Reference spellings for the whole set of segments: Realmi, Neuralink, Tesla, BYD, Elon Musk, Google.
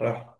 راح.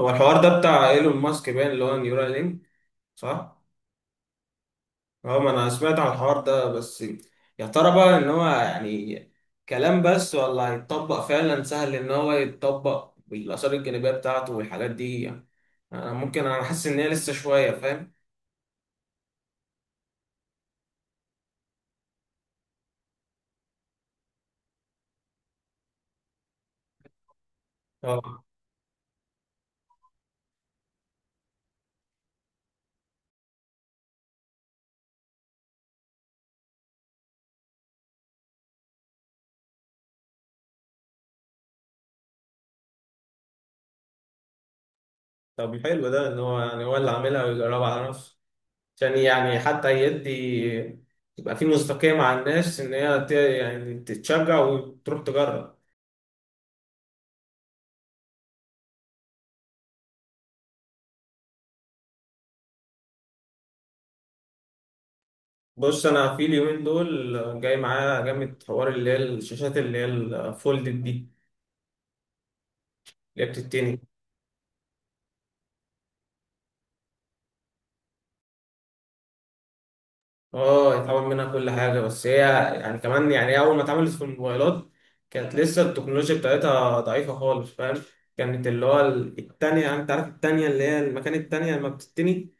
هو الحوار ده بتاع ايلون ماسك باين اللي هو نيورال لينك، صح؟ اه، ما انا سمعت عن الحوار ده بس. يا ترى بقى ان هو يعني كلام بس ولا هيتطبق؟ فعلا سهل ان هو يتطبق بالاثار الجانبيه بتاعته والحاجات دي يعني. انا حاسس ان هي لسه شويه، فاهم؟ اه. طب حلو ده ان هو يعني هو اللي عاملها ويجربها على نفسه عشان يعني حتى يدي، يبقى في مصداقيه مع الناس ان هي يعني تتشجع وتروح تجرب. بص، انا في اليومين دول جاي معايا جامد حوار اللي هي الشاشات اللي هي الفولدد دي، اللي هي بتتني. اه، يتعمل منها كل حاجه، بس هي يعني كمان، يعني هي اول ما اتعملت في الموبايلات كانت لسه التكنولوجيا بتاعتها ضعيفه خالص، فاهم. كانت اللي هو التانية، يعني انت عارف التانية اللي هي المكان التانية لما بتتني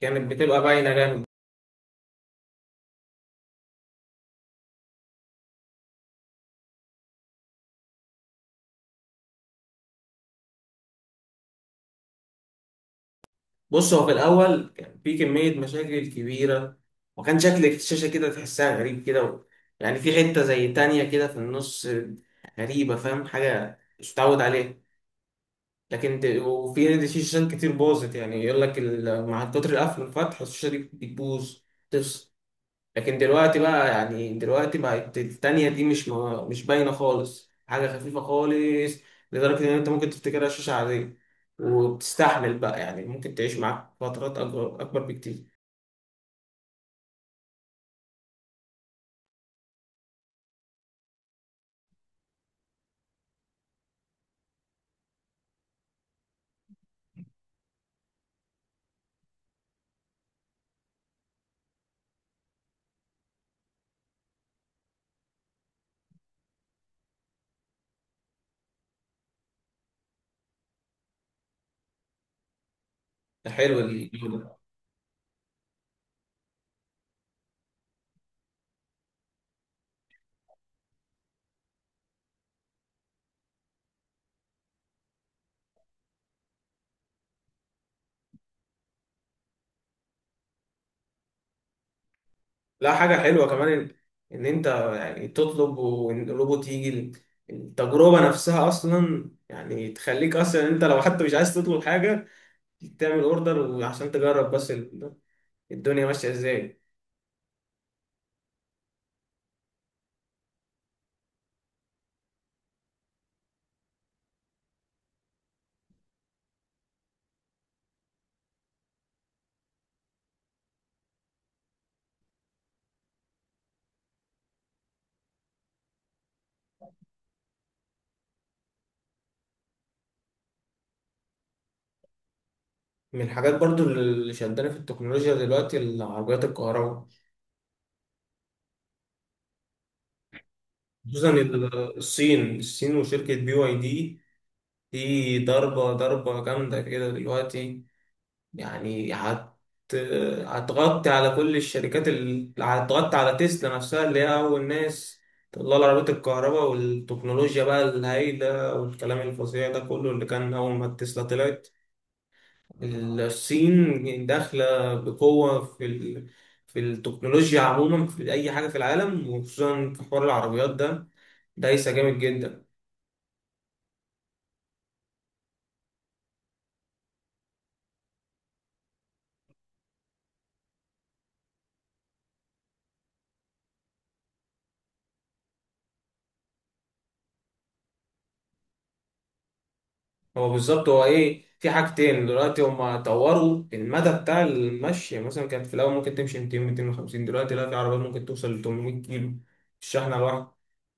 كانت بتبقى باينه جامد. بص، هو في الأول كان في كمية مشاكل كبيرة، وكان شكل الشاشة كده تحسها غريب كده، و... يعني في حتة زي تانية كده في النص، غريبة، فاهم، حاجة مش متعود عليها. وفي شاشات كتير باظت، يعني يقول لك مع كتر القفل والفتح الشاشة دي بتبوظ، تفصل. لكن دلوقتي بقى، يعني دلوقتي بقت التانية دي مش باينة خالص، حاجة خفيفة خالص، لدرجة إن أنت ممكن تفتكرها شاشة عادية، وبتستحمل بقى، يعني ممكن تعيش معاك فترات أكبر أكبر بكتير. ده حلو الجيل ده. لا، حاجة حلوة كمان إن أنت يعني تطلب وإن الروبوت يجي. التجربة نفسها أصلا يعني تخليك أصلا، أنت لو حتى مش عايز تطلب حاجة، تعمل أوردر وعشان تجرب بس الدنيا ماشية إزاي. من الحاجات برضو اللي شداني في التكنولوجيا دلوقتي، العربيات الكهرباء، خصوصا الصين الصين وشركة بي واي دي. دي ضربة ضربة جامدة كده دلوقتي، يعني هتغطي على كل الشركات، اللي هتغطي على تسلا نفسها اللي هي أول ناس تطلع العربيات الكهرباء والتكنولوجيا بقى الهايلة والكلام الفظيع ده كله اللي كان أول ما تسلا طلعت. الصين داخلة بقوة في التكنولوجيا عموما، في أي حاجة في العالم، وخصوصا في حوار العربيات ده. دايسة جامد جدا. هو بالظبط هو إيه، في حاجتين دلوقتي: هما طوروا المدى بتاع المشي، يعني مثلا كانت في الأول ممكن تمشي 200 250، دلوقتي لا، في عربيات ممكن توصل ل 800 كيلو في الشحنة الواحدة.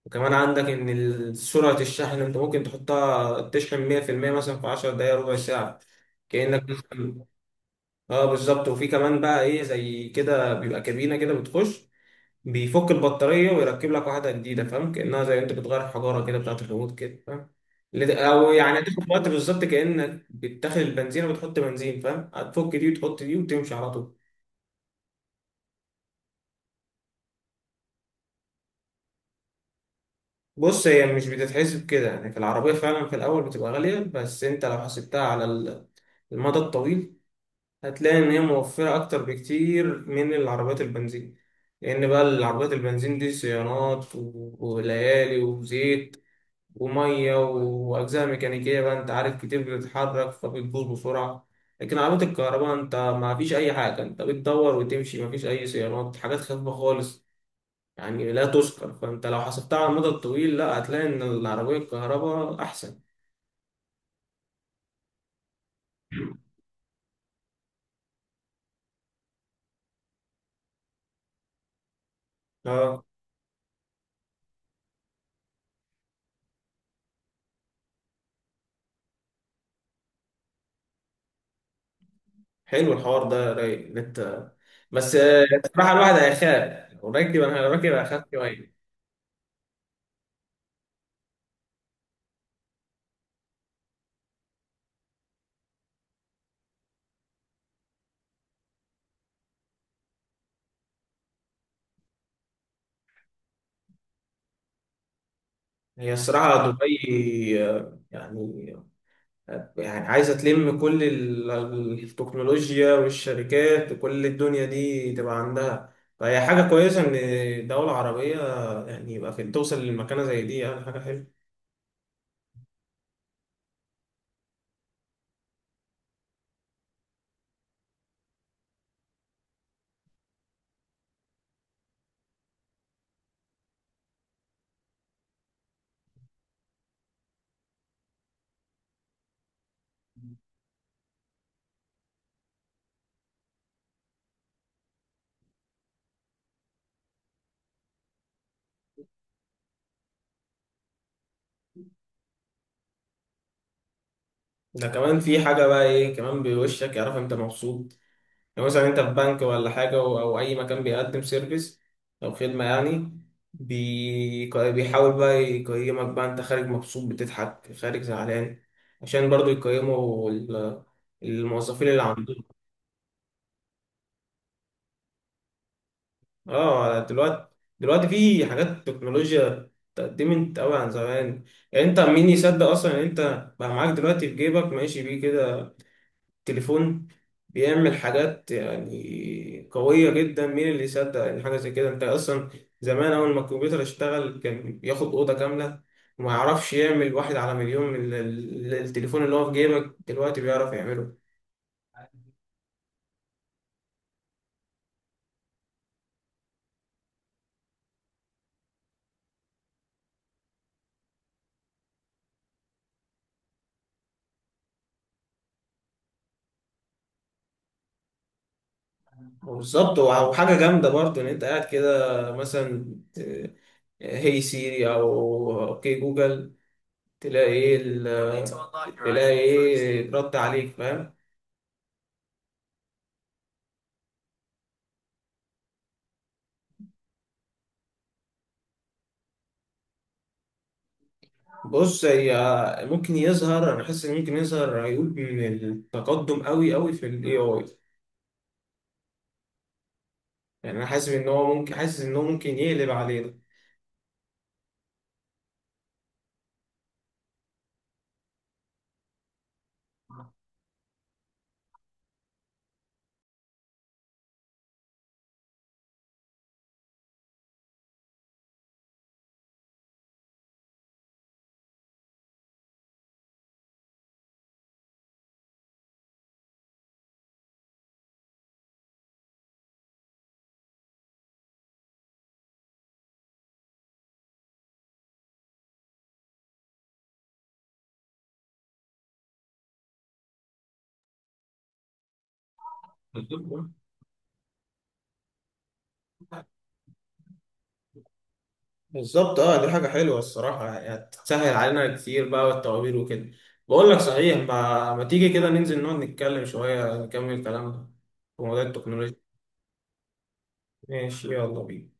وكمان عندك إن سرعة الشحن أنت ممكن تحطها تشحن 100% مثلا في 10 دقايق ربع ساعة، كأنك. اه بالظبط. وفي كمان بقى ايه زي كده، بيبقى كابينه كده بتخش، بيفك البطاريه ويركب لك واحده جديده، فاهم، كانها زي انت بتغير حجاره كده بتاعت الريموت كده، فاهم. او يعني هتاخد وقت بالظبط كانك بتدخل البنزين وبتحط بنزين، فاهم، هتفك دي وتحط دي وتمشي على طول. بص، هي مش بتتحسب كده، يعني في العربيه فعلا في الاول بتبقى غاليه، بس انت لو حسبتها على المدى الطويل هتلاقي إن هي موفرة أكتر بكتير من العربيات البنزين. لأن بقى العربيات البنزين دي صيانات وليالي وزيت ومية وأجزاء ميكانيكية، بقى أنت عارف كتير بتتحرك فبتبوظ بسرعة. لكن عربية الكهرباء أنت ما فيش أي حاجة، أنت بتدور وتمشي، ما فيش أي صيانات، حاجات خفيفة خالص، يعني لا تذكر. فأنت لو حسبتها على المدى الطويل، لا، هتلاقي إن العربية الكهرباء أحسن. اه، حلو الحوار ده. رايق إن انت، بس الصراحه الواحد هيخاف، لو راكب، انا راكب هخاف شويه. هي الصراحه دبي يعني عايزه تلم كل التكنولوجيا والشركات وكل الدنيا دي تبقى عندها، فهي حاجه كويسه ان دوله عربيه يعني، يبقى في توصل للمكانه زي دي، يعني حاجه حلوه. ده كمان في حاجه بقى، ايه كمان، بوشك يعرف انت مبسوط. لو مثلا انت في بنك ولا حاجة، او اي مكان بيقدم سيرفيس او خدمة، يعني بيحاول بقى يقيمك، بقى انت خارج مبسوط بتضحك، خارج زعلان، عشان برضو يقيموا الموظفين اللي عندهم. اه، دلوقتي في حاجات تكنولوجيا اتقدمت قوي عن زمان، يعني انت مين يصدق اصلا ان انت بقى معاك دلوقتي في جيبك ماشي بيه كده تليفون بيعمل حاجات يعني قوية جدا. مين اللي يصدق إن حاجة زي كده أنت أصلا؟ زمان أول ما الكمبيوتر اشتغل كان ياخد أوضة كاملة وما يعرفش يعمل واحد على مليون من التليفون اللي هو في جيبك دلوقتي بيعرف يعمله. بالظبط. وحاجة جامدة برضه إن أنت قاعد كده مثلا ت- هي سيري أو أوكي جوجل، تلاقي إيه ال- تلاقي إيه رد عليك، فاهم. بص، هي ممكن يظهر، انا حاسس ان ممكن يظهر عيوب من التقدم قوي قوي في الاي اي. يعني انا حاسس ان هو ممكن حاسس ان هو ممكن يقلب علينا. بالظبط. بالظبط، اه دي حاجه حلوه الصراحه، يعني هتسهل علينا كتير بقى والتوابير وكده. بقول لك صحيح، ما تيجي كده ننزل نقعد نتكلم شويه نكمل كلامنا في موضوع التكنولوجيا. ماشي يلا بينا.